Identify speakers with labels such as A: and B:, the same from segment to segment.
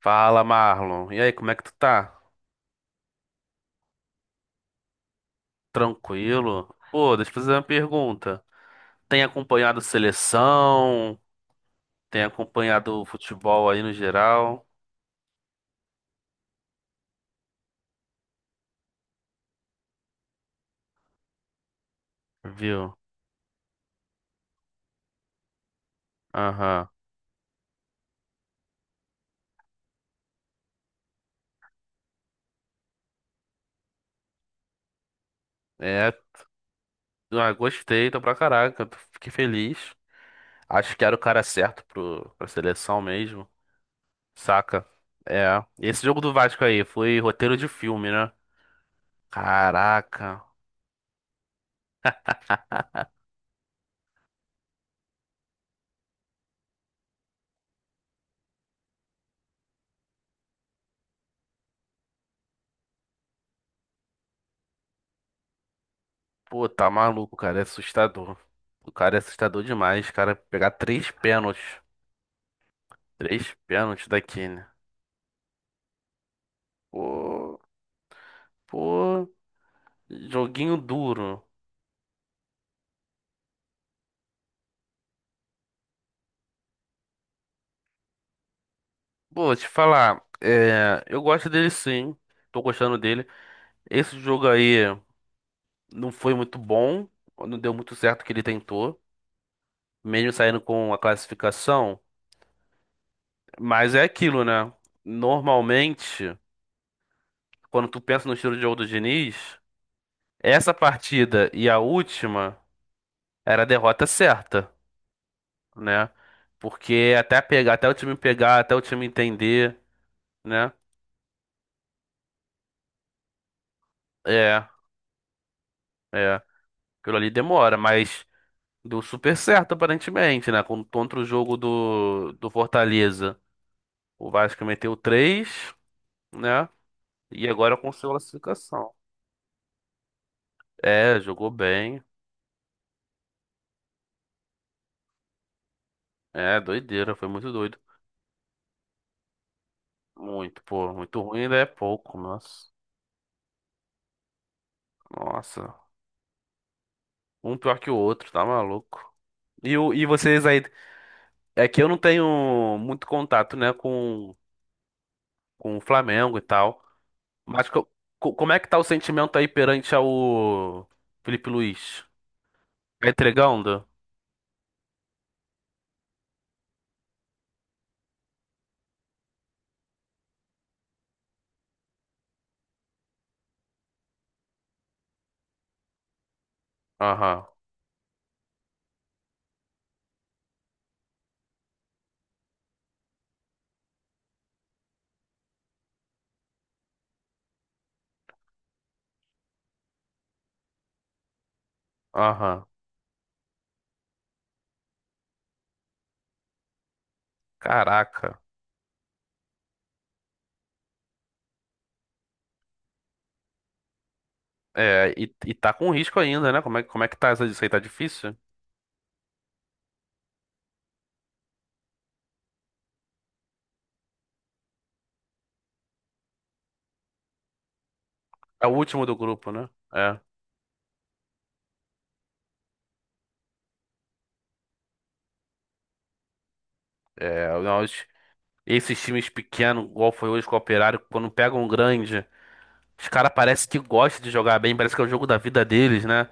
A: Fala, Marlon. E aí, como é que tu tá? Tranquilo? Pô, deixa eu fazer uma pergunta. Tem acompanhado seleção? Tem acompanhado o futebol aí no geral? Viu? Aham. É, ah, gostei, tô pra caraca. Fiquei feliz. Acho que era o cara certo pra seleção mesmo. Saca? É. Esse jogo do Vasco aí foi roteiro de filme, né? Caraca. Pô, tá maluco, cara. É assustador. O cara é assustador demais, cara. Pegar três pênaltis. Três pênaltis da Kane. Pô, pô, joguinho duro. Pô, te falar, eu gosto dele, sim, tô gostando dele. Esse jogo aí não foi muito bom, não deu muito certo o que ele tentou, mesmo saindo com a classificação. Mas é aquilo, né? Normalmente, quando tu pensa no estilo de jogo do Diniz, essa partida e a última era a derrota certa, né? Porque até pegar, até o time pegar, até o time entender, né? É, é. Aquilo ali demora, mas deu super certo aparentemente, né? Contra o jogo do Fortaleza. O Vasco meteu 3, né? E agora conseguiu a classificação. É, jogou bem. É, doideira, foi muito doido. Muito, pô, muito ruim ainda é pouco, nossa. Nossa. Um pior que o outro, tá maluco. E vocês aí? É que eu não tenho muito contato, né, com o Flamengo e tal. Mas como é que tá o sentimento aí perante ao Felipe Luiz? Tá entregando? Aham, aham. Caraca. É, e tá com risco ainda, né? Como é que tá isso aí? Tá difícil? É o último do grupo, né? É. É, nós, esses times pequenos, igual foi hoje com o Operário, quando pegam um grande, os caras parece que gostam de jogar bem, parece que é o jogo da vida deles, né?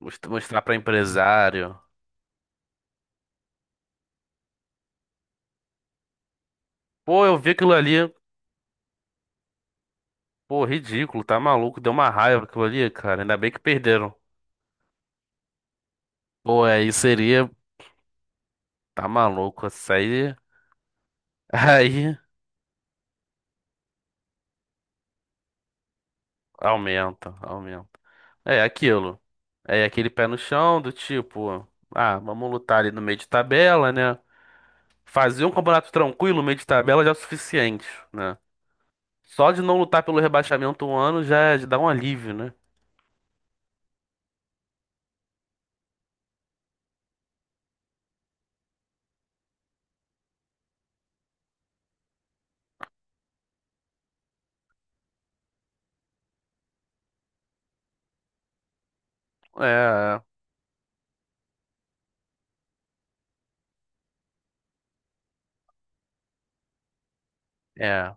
A: Mostrar pra empresário. Pô, eu vi aquilo ali, pô, ridículo, tá maluco, deu uma raiva aquilo ali, cara. Ainda bem que perderam. Pô, aí seria. Tá maluco, isso aí. Aí aumenta, aumenta. É aquilo. É aquele pé no chão do tipo, ah, vamos lutar ali no meio de tabela, né? Fazer um campeonato tranquilo, no meio de tabela já é o suficiente, né? Só de não lutar pelo rebaixamento um ano já já dá um alívio, né? É, é,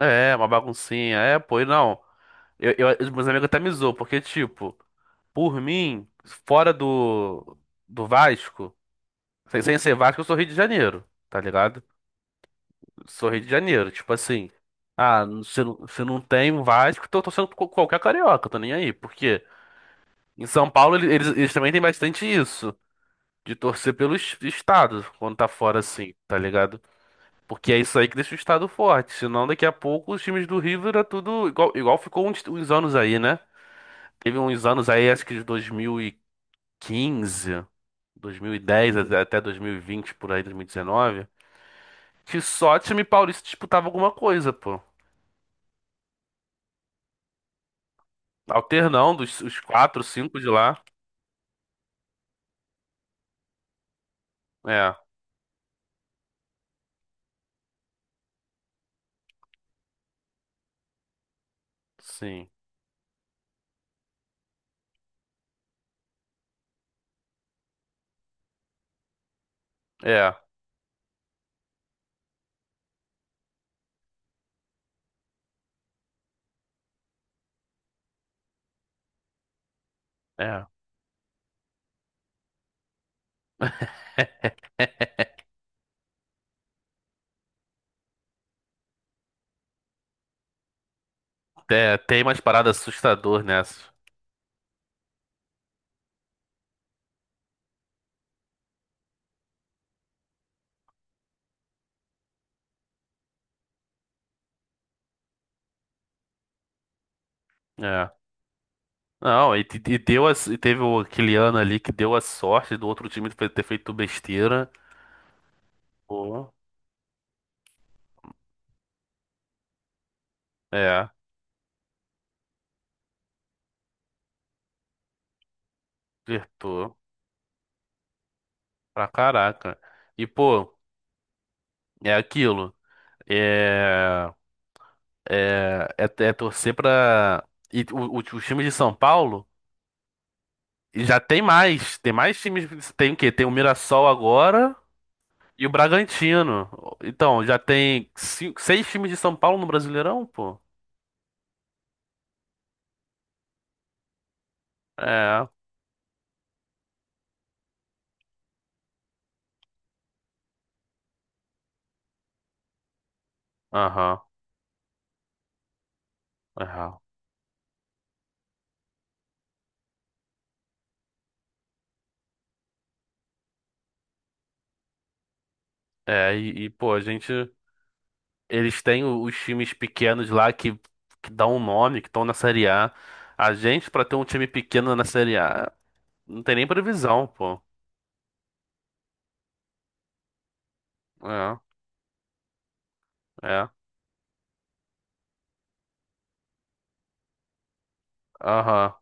A: é, é uma baguncinha. É, pô, e não. Os meus amigos até me zoam, porque, tipo, por mim, fora do Vasco. Sem ser Vasco, eu sou Rio de Janeiro, tá ligado? Sou Rio de Janeiro, tipo assim. Ah, se não tem Vasco, tô torcendo por qualquer carioca, tô nem aí. Porque em São Paulo eles também têm bastante isso, de torcer pelo estado, quando tá fora assim, tá ligado? Porque é isso aí que deixa o estado forte. Senão daqui a pouco os times do Rio era tudo igual, igual ficou uns anos aí, né? Teve uns anos aí, acho que de 2015, 2010 até 2020, por aí, 2019, que só time paulista disputava alguma coisa, pô. Alternando os quatro, cinco de lá. É, sim. É, é. É, tem umas paradas assustadoras nessa. É. Não, e deu a, e teve o, aquele ano ali que deu a sorte do outro time ter feito besteira. Pô, é, acertou pra caraca. E, pô, é aquilo. É, é, é, é torcer pra. E o time de São Paulo. E já tem mais. Tem mais times. Tem o quê? Tem o Mirassol agora e o Bragantino. Então, já tem seis times de São Paulo no Brasileirão, pô. É, aham, aham. É, e, pô, a gente. Eles têm os times pequenos lá que dão um nome, que estão na Série A. A gente, pra ter um time pequeno na Série A, não tem nem previsão, pô. É, é. Aham,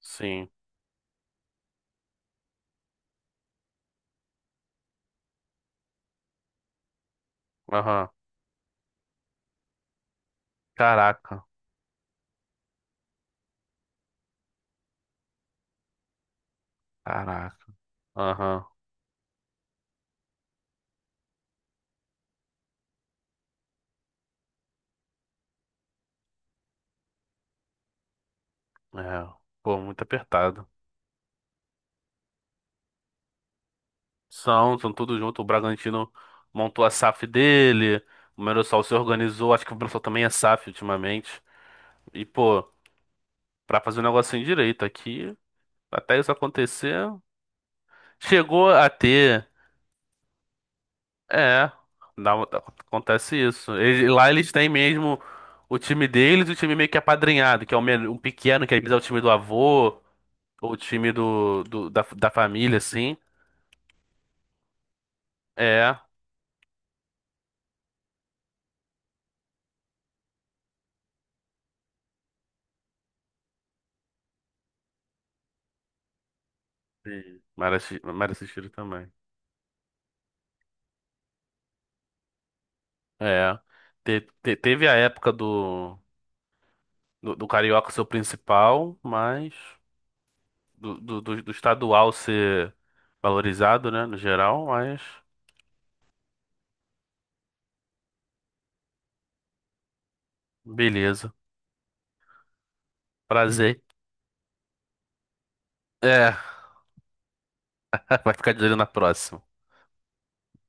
A: sim. Aham. Caraca, caraca. Aham, é. Pô, muito apertado. São tudo junto. O Bragantino montou a SAF dele, o Mirassol se organizou, acho que o Mirassol também é SAF ultimamente. E, pô, pra fazer um negocinho direito aqui, até isso acontecer, chegou a ter. É, um, acontece isso. Lá eles têm mesmo o time deles e o time meio que apadrinhado, que é o pequeno, que às vezes é o time do avô, ou o time da família, assim. É. Sim. Mara Sixiro também. É. Teve a época do carioca ser o principal, mas do estadual ser valorizado, né, no geral, mas beleza. Prazer. É, vai ficar de olho na próxima.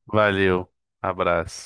A: Valeu. Abraço.